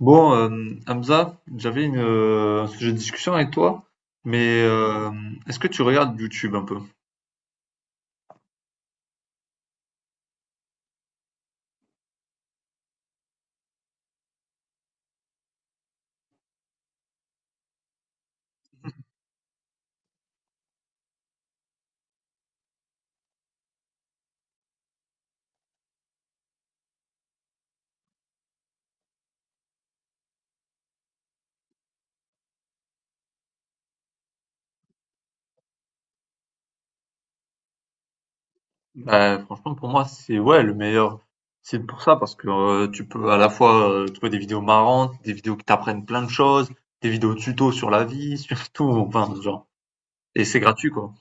Bon, euh, Hamza, j'avais un sujet de discussion avec toi, mais est-ce que tu regardes YouTube un peu? Bah, franchement, pour moi, c'est ouais le meilleur site pour ça parce que tu peux à la fois trouver des vidéos marrantes, des vidéos qui t'apprennent plein de choses, des vidéos tuto sur la vie, surtout, enfin, genre, et c'est gratuit quoi.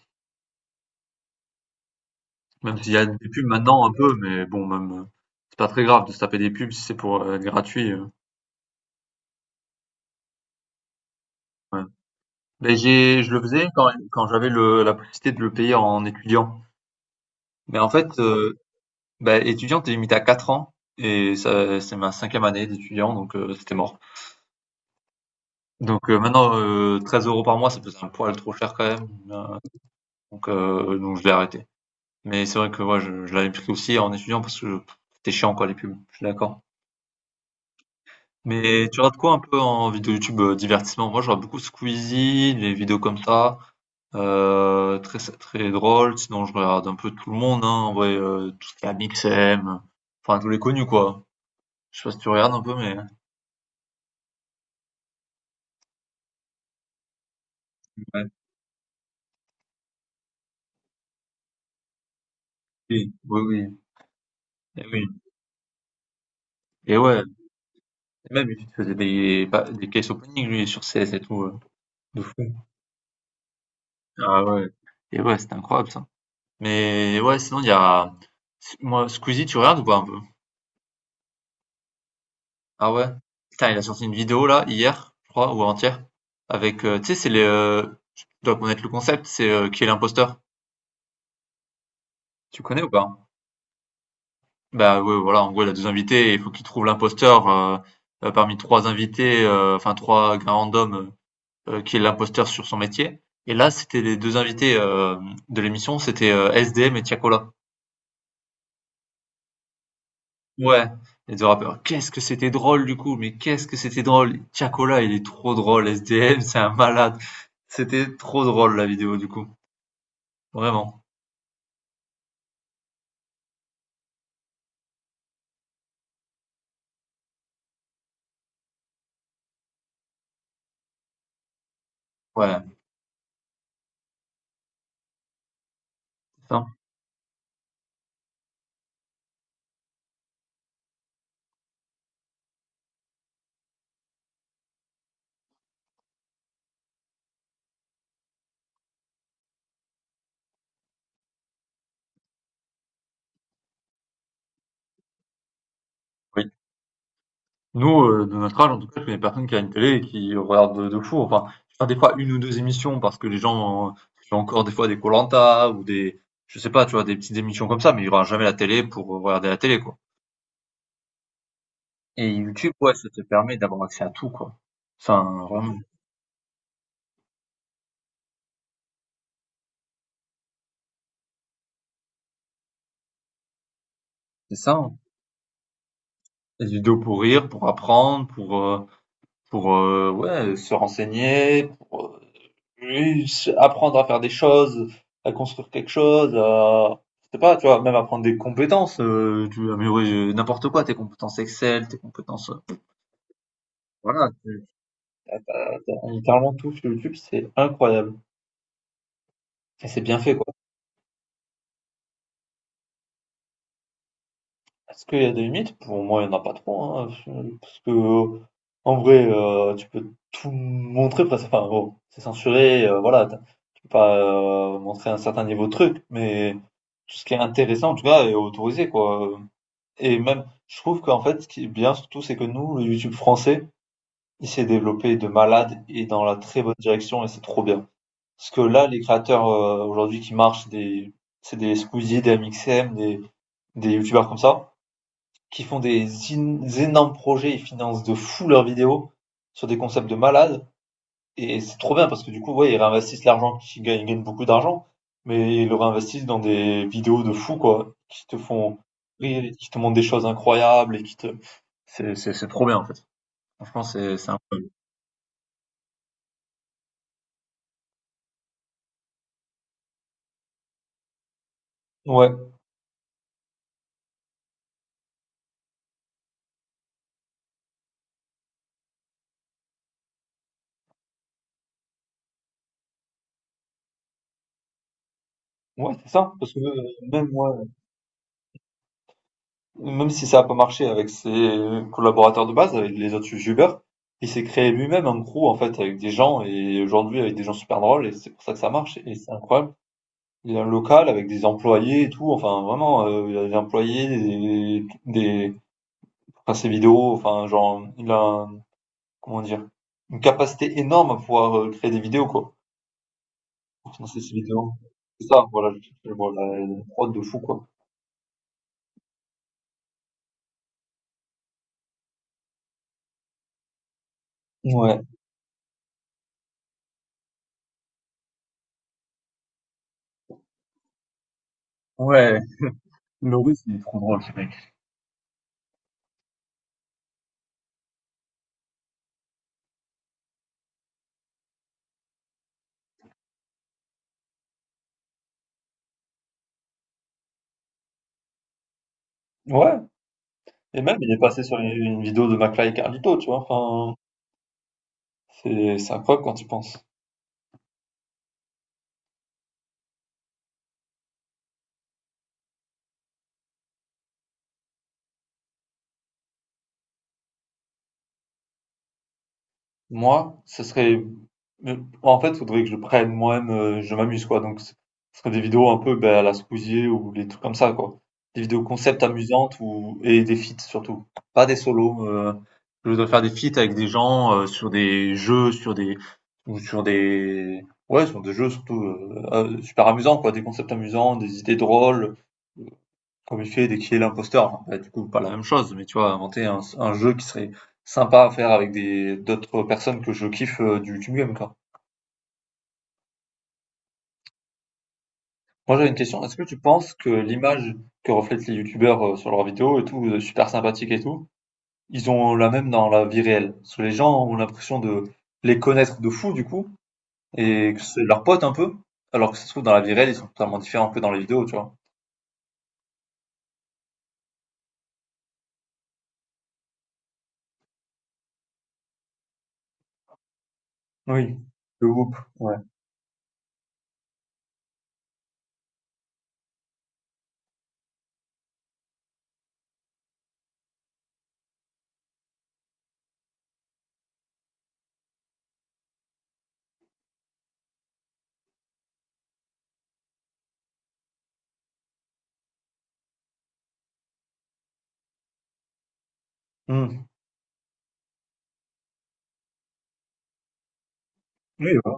Même s'il y a des pubs maintenant un peu, mais bon, même c'est pas très grave de se taper des pubs si c'est pour être gratuit. Ouais. Mais je le faisais quand j'avais la possibilité de le payer en étudiant. Mais en fait, bah, étudiant, t'es limité à 4 ans et ça c'est ma cinquième année d'étudiant donc c'était mort. Donc maintenant, 13 € par mois, ça faisait un poil trop cher quand même, donc je l'ai arrêté. Mais c'est vrai que moi je l'avais pris aussi en étudiant parce que c'était chiant quoi les pubs, je suis d'accord. Mais tu regardes quoi un peu en vidéo YouTube, divertissement? Moi, je regarde beaucoup Squeezie, les vidéos comme ça, très très drôle. Sinon, je regarde un peu tout le monde, hein, en vrai, tout ce qui est Amixem, enfin tous les connus quoi. Je sais pas si tu regardes un peu, mais ouais. Oui, oui, oui, et oui, et ouais, et même il faisait des case opening lui sur CS et tout, de fou. Ah ouais, et ouais, c'était incroyable ça. Mais ouais, sinon il y a, moi, Squeezie, tu regardes ou pas un peu? Ah ouais? Putain, il a sorti une vidéo là, hier, je crois, ou avant-hier, avec, tu sais, tu dois connaître le concept, c'est qui est l'imposteur. Tu connais ou pas? Bah ouais, voilà, en gros, il a 2 invités, et il faut qu'il trouve l'imposteur parmi 3 invités, enfin 3 gars randoms, qui est l'imposteur sur son métier. Et là, c'était les 2 invités, de l'émission, c'était, SDM et Tiakola. Ouais, les 2 rappeurs. Qu'est-ce que c'était drôle du coup, mais qu'est-ce que c'était drôle! Tiakola, il est trop drôle, SDM c'est un malade. C'était trop drôle la vidéo du coup, vraiment. Ouais, putain, oui. Nous, de notre âge en tout cas, je connais personne qui a une télé et qui regarde de fou. Enfin, je regarde des fois une ou 2 émissions parce que les gens, font encore des fois des koh-lanta ou des je sais pas, tu vois, des petites émissions comme ça, mais il y aura jamais la télé pour regarder la télé, quoi. Et YouTube, ouais, ça te permet d'avoir accès à tout, quoi. Enfin, vraiment, c'est ça, hein. Des vidéos pour rire, pour apprendre, pour ouais, se renseigner, pour oui, se apprendre à faire des choses, à construire quelque chose, à je sais pas, tu vois, même apprendre des compétences, tu veux améliorer, n'importe quoi, tes compétences Excel, tes compétences, voilà, tu as littéralement tout sur YouTube, c'est incroyable et c'est bien fait, quoi. Est-ce qu'il y a des limites? Pour moi, il n'y en a pas trop, hein, parce que en vrai, tu peux tout montrer presque. Enfin, bon, c'est censuré, voilà, tu peux pas montrer un certain niveau de truc, mais tout ce qui est intéressant, en tout cas, est autorisé, quoi. Et même, je trouve qu'en fait, ce qui est bien surtout, c'est que nous, le YouTube français, il s'est développé de malade et dans la très bonne direction, et c'est trop bien. Parce que là, les créateurs aujourd'hui qui marchent, c'est des Squeezie, des MXM, des YouTubeurs comme ça qui font des énormes projets, ils financent de fou leurs vidéos sur des concepts de malades. Et c'est trop bien parce que du coup, ouais, ils réinvestissent l'argent qu'ils gagnent, ils gagnent beaucoup d'argent, mais ils le réinvestissent dans des vidéos de fou, quoi, qui te font rire, et qui te montrent des choses incroyables et qui te. C'est trop bien en fait. Franchement, c'est incroyable. Ouais, ouais, c'est ça. Parce que même moi, même si ça a pas marché avec ses collaborateurs de base, avec les autres youtubeurs, il s'est créé lui-même un crew en fait avec des gens et aujourd'hui avec des gens super drôles et c'est pour ça que ça marche et c'est incroyable. Il y a un local avec des employés et tout, enfin vraiment, il y a des employés, enfin ses vidéos, enfin genre comment dire, une capacité énorme à pouvoir créer des vidéos quoi, pour financer ses vidéos. C'est ça, voilà, voilà, une prod de fou quoi. Ouais. Le- ouais. Et même, il est passé sur les- une vidéo de McFly et Carlito, tu vois. Enfin, c'est incroyable quand tu penses. Moi, ce serait. euh, En fait, il faudrait que je prenne moi-même, je m'amuse, quoi. Donc, ce serait des vidéos un peu ben, à la Spousier ou des trucs comme ça, quoi. Des vidéos concept amusantes ou... et des feats surtout. Pas des solos. Je dois faire des feats avec des gens sur des jeux, sur des. Ou sur des. Ouais, sur des jeux surtout, super amusants, quoi. Des concepts amusants, des idées drôles. Comme il fait dès qu'il est l'imposteur, enfin, bah, du coup, pas la même chose, mais tu vois, inventer un jeu qui serait sympa à faire avec des d'autres personnes que je kiffe du YouTube Game, quoi. Moi, j'avais une question. Est-ce que tu penses que l'image que reflètent les youtubeurs sur leurs vidéos et tout, super sympathique et tout, ils ont la même dans la vie réelle? Parce que les gens ont l'impression de les connaître de fou, du coup, et que c'est leurs potes un peu, alors que ça se trouve, dans la vie réelle, ils sont totalement différents que dans les vidéos, tu vois. Oui, le groupe, ouais. Hmm. Oui, voilà.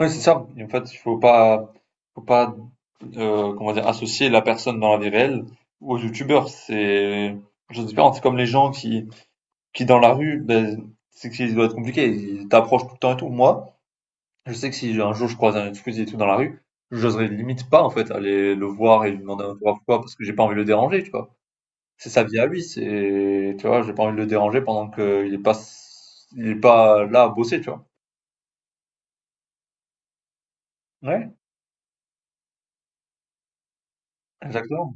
Ouais, c'est ça. Et en fait, il faut pas comment dire? Associer la personne dans la vie réelle aux youtubeurs. C'est chose différente. C'est comme les gens qui dans la rue, ben c'est que ça doit être compliqué, ils t'approchent tout le temps et tout. Moi, je sais que si un jour je croise un Squeezie et tout dans la rue, j'oserais limite pas en fait aller le voir et lui demander un autographe ou quoi, parce que j'ai pas envie de le déranger, tu vois? C'est sa vie à lui, c'est tu vois? J'ai pas envie de le déranger pendant qu'il est pas il est pas là à bosser, tu vois? Ouais, exactement.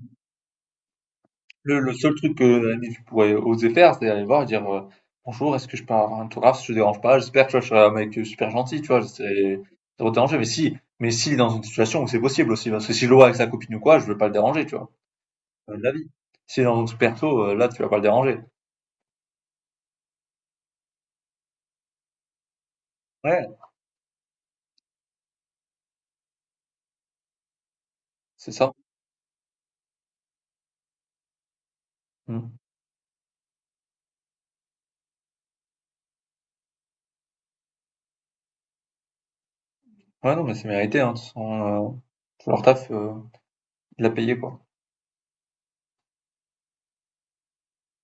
Le seul truc que l'ami pourrait oser faire, c'est aller voir et dire Bonjour, est-ce que je peux avoir un autographe si je te dérange pas? J'espère, tu vois, je serai un mec super gentil, tu vois, c'est ça va te déranger. Mais si, dans une situation où c'est possible aussi, parce que si je le vois avec sa copine ou quoi, je veux pas le déranger, tu vois, de la vie. Si dans un truc perso, là, tu vas pas le déranger. Ouais, c'est ça. Mm. Ouais, non, mais c'est mérité, hein, de toute façon, leur taf, il l'a payé, quoi.